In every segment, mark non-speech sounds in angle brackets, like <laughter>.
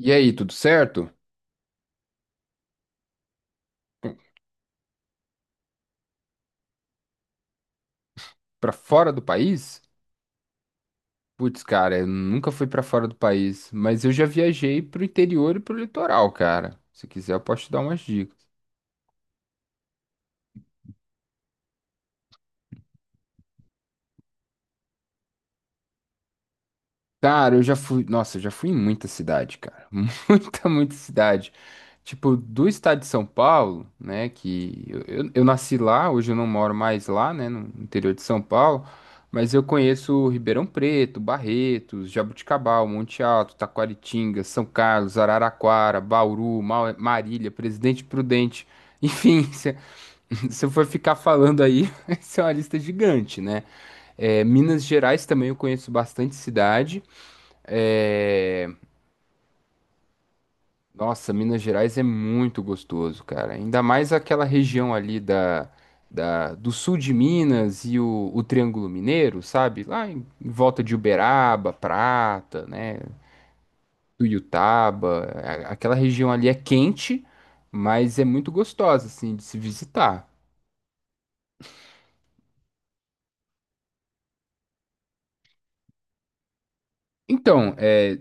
E aí, tudo certo? Pra fora do país? Putz, cara, eu nunca fui pra fora do país, mas eu já viajei pro interior e pro litoral, cara. Se quiser, eu posso te dar umas dicas. Cara, eu já fui. Nossa, eu já fui em muita cidade, cara. <laughs> Muita, muita cidade. Tipo, do estado de São Paulo, né? Que eu nasci lá, hoje eu não moro mais lá, né? No interior de São Paulo. Mas eu conheço Ribeirão Preto, Barretos, Jabuticabal, Monte Alto, Taquaritinga, São Carlos, Araraquara, Bauru, Marília, Presidente Prudente. Enfim, <laughs> se eu for ficar falando aí, <laughs> isso é uma lista gigante, né? É, Minas Gerais também eu conheço bastante cidade. É... Nossa, Minas Gerais é muito gostoso, cara. Ainda mais aquela região ali do sul de Minas e o Triângulo Mineiro, sabe? Lá em volta de Uberaba, Prata, né? Tuiutaba. Aquela região ali é quente, mas é muito gostosa, assim, de se visitar. Então, é.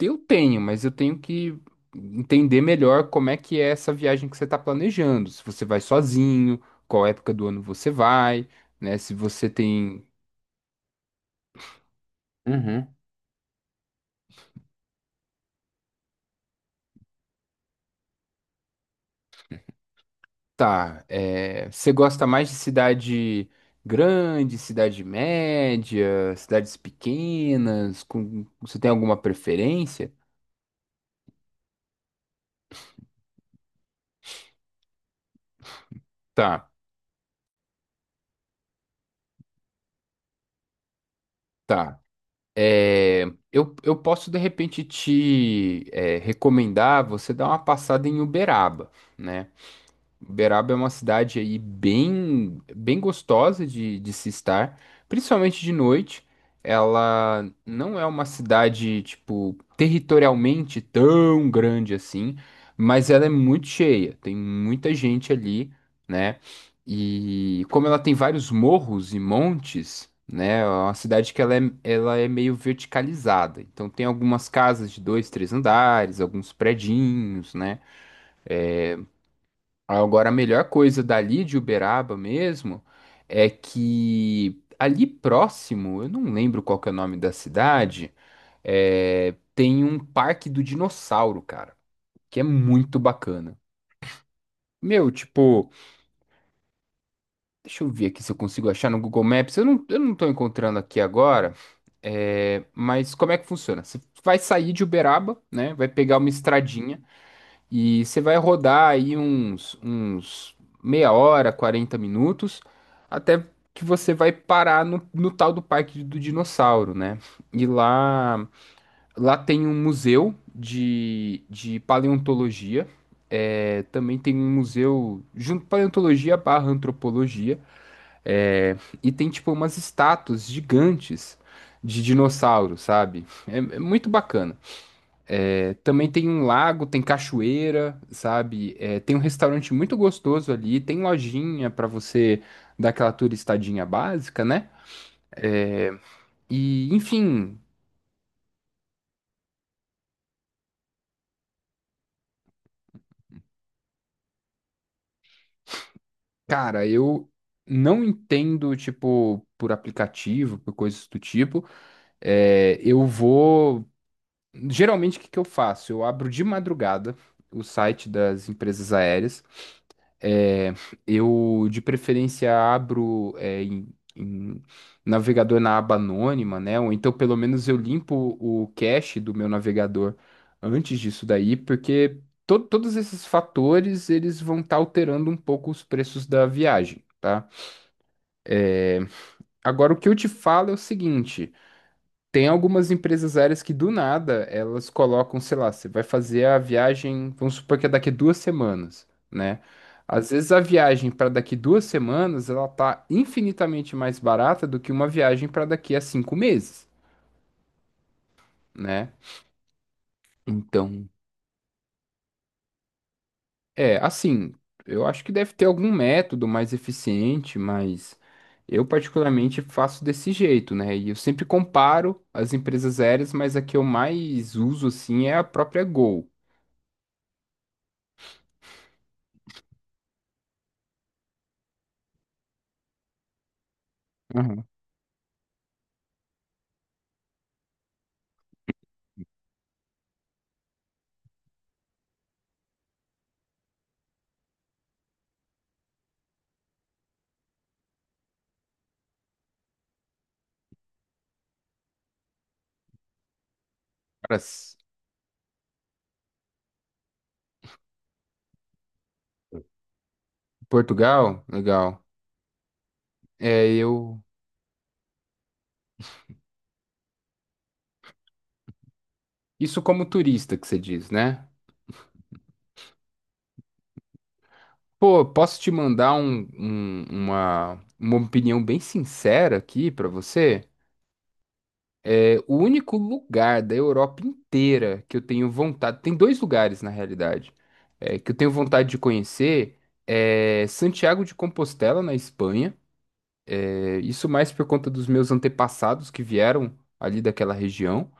Eu tenho, mas eu tenho que entender melhor como é que é essa viagem que você está planejando. Se você vai sozinho, qual época do ano você vai, né? Se você tem. Uhum. Tá, é, você gosta mais de cidade grande, cidade média, cidades pequenas? Você tem alguma preferência? Tá, tá. É, eu posso de repente te recomendar você dar uma passada em Uberaba, né? Uberaba é uma cidade aí bem, bem gostosa de se estar, principalmente de noite. Ela não é uma cidade, tipo, territorialmente tão grande assim, mas ela é muito cheia, tem muita gente ali, né? E como ela tem vários morros e montes, né? É uma cidade que ela é meio verticalizada. Então tem algumas casas de dois, três andares, alguns predinhos, né? Agora, a melhor coisa dali de Uberaba mesmo é que ali próximo, eu não lembro qual que é o nome da cidade, tem um parque do dinossauro, cara, que é muito bacana. Meu, tipo, deixa eu ver aqui se eu consigo achar no Google Maps. Eu não tô encontrando aqui agora, mas como é que funciona? Você vai sair de Uberaba, né? Vai pegar uma estradinha. E você vai rodar aí uns meia hora, 40 minutos, até que você vai parar no tal do Parque do Dinossauro, né? E lá tem um museu de paleontologia. Também tem um museu junto paleontologia barra antropologia. é, e tem tipo umas estátuas gigantes de dinossauros, sabe? É muito bacana. É, também tem um lago, tem cachoeira, sabe? É, tem um restaurante muito gostoso ali, tem lojinha para você dar aquela turistadinha básica, né? É, e, enfim, cara, eu não entendo, tipo, por aplicativo, por coisas do tipo. É, eu vou. Geralmente, o que que eu faço? Eu abro de madrugada o site das empresas aéreas. É, eu, de preferência, abro em, navegador na aba anônima, né? Ou então, pelo menos, eu limpo o cache do meu navegador antes disso daí, porque todos esses fatores, eles vão estar alterando um pouco os preços da viagem, tá? Eh, Agora, o que eu te falo é o seguinte. Tem algumas empresas aéreas que do nada elas colocam, sei lá, você vai fazer a viagem, vamos supor que é daqui 2 semanas, né? Às vezes a viagem para daqui 2 semanas ela tá infinitamente mais barata do que uma viagem para daqui a 5 meses, né? Então, é assim, eu acho que deve ter algum método mais eficiente, mas eu particularmente faço desse jeito, né? E eu sempre comparo as empresas aéreas, mas a que eu mais uso assim é a própria Gol. Cara, Portugal? Legal. É, eu. Isso como turista que você diz, né? Pô, posso te mandar uma opinião bem sincera aqui pra você? É, o único lugar da Europa inteira que eu tenho vontade. Tem dois lugares, na realidade, que eu tenho vontade de conhecer. É Santiago de Compostela, na Espanha. É, isso mais por conta dos meus antepassados que vieram ali daquela região.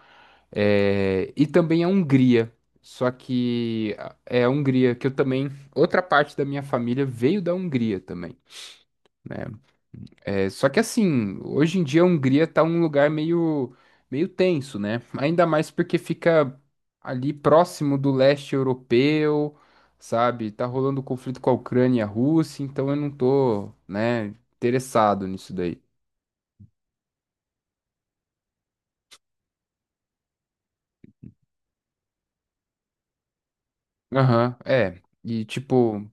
É, e também a Hungria. Só que é a Hungria que eu também. Outra parte da minha família veio da Hungria também. É, só que assim, hoje em dia a Hungria tá um lugar meio, tenso, né? Ainda mais porque fica ali próximo do leste europeu, sabe? Tá rolando conflito com a Ucrânia e a Rússia, então eu não tô, né, interessado nisso daí. Aham, é. E tipo.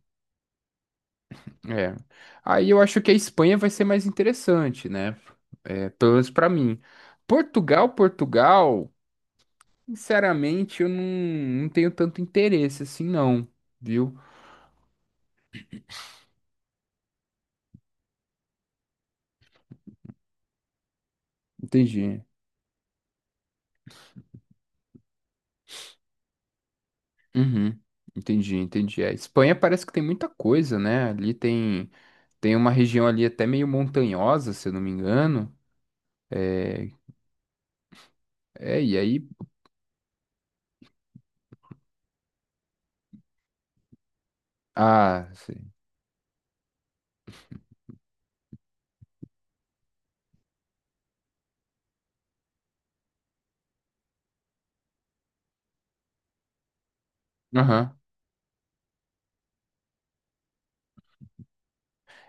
É. Aí eu acho que a Espanha vai ser mais interessante, né? É, pelo menos pra mim. Portugal, Portugal, sinceramente, eu não tenho tanto interesse assim, não, viu? Entendi. Uhum. Entendi, entendi. A Espanha parece que tem muita coisa, né? Ali tem uma região ali até meio montanhosa, se eu não me engano. É, e aí. Ah, sim.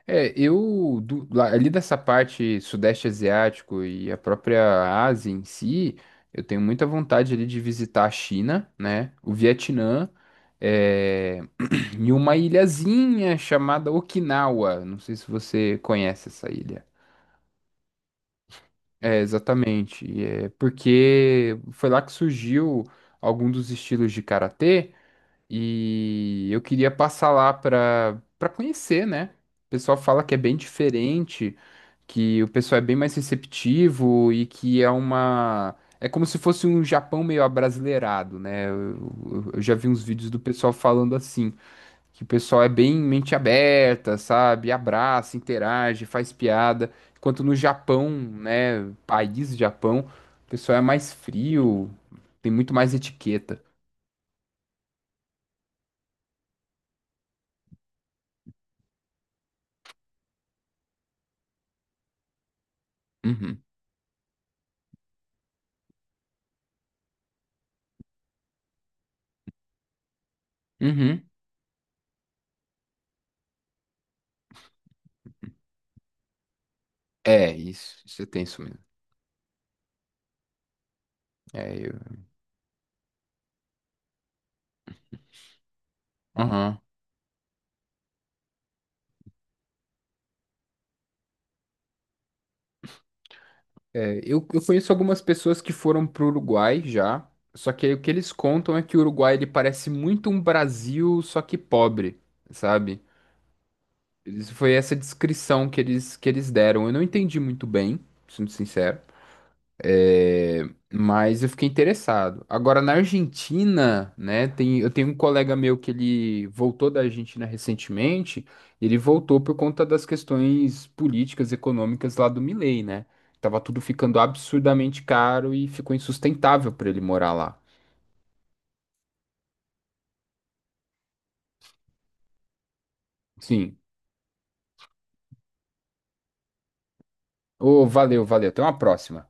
Ali dessa parte sudeste asiático e a própria Ásia em si, eu tenho muita vontade ali de visitar a China, né? O Vietnã, é, <clears throat> e uma ilhazinha chamada Okinawa. Não sei se você conhece essa ilha. É, exatamente. É porque foi lá que surgiu algum dos estilos de karatê. E eu queria passar lá para conhecer, né? O pessoal fala que é bem diferente, que o pessoal é bem mais receptivo e que é uma é como se fosse um Japão meio abrasileirado, né? Eu já vi uns vídeos do pessoal falando assim, que o pessoal é bem mente aberta, sabe? Abraça, interage, faz piada, enquanto no Japão, né, país Japão, o pessoal é mais frio, tem muito mais etiqueta. Uhum. Uhum. É, isso é tenso mesmo. É, Aham. É, eu conheço algumas pessoas que foram pro Uruguai já, só que aí o que eles contam é que o Uruguai ele parece muito um Brasil, só que pobre, sabe? Foi essa descrição que eles deram. Eu não entendi muito bem, sendo sincero. É, mas eu fiquei interessado. Agora, na Argentina, né, eu tenho um colega meu que ele voltou da Argentina recentemente, ele voltou por conta das questões políticas, econômicas lá do Milei, né? Tava tudo ficando absurdamente caro e ficou insustentável para ele morar lá. Sim. Ô, valeu, valeu. Até uma próxima.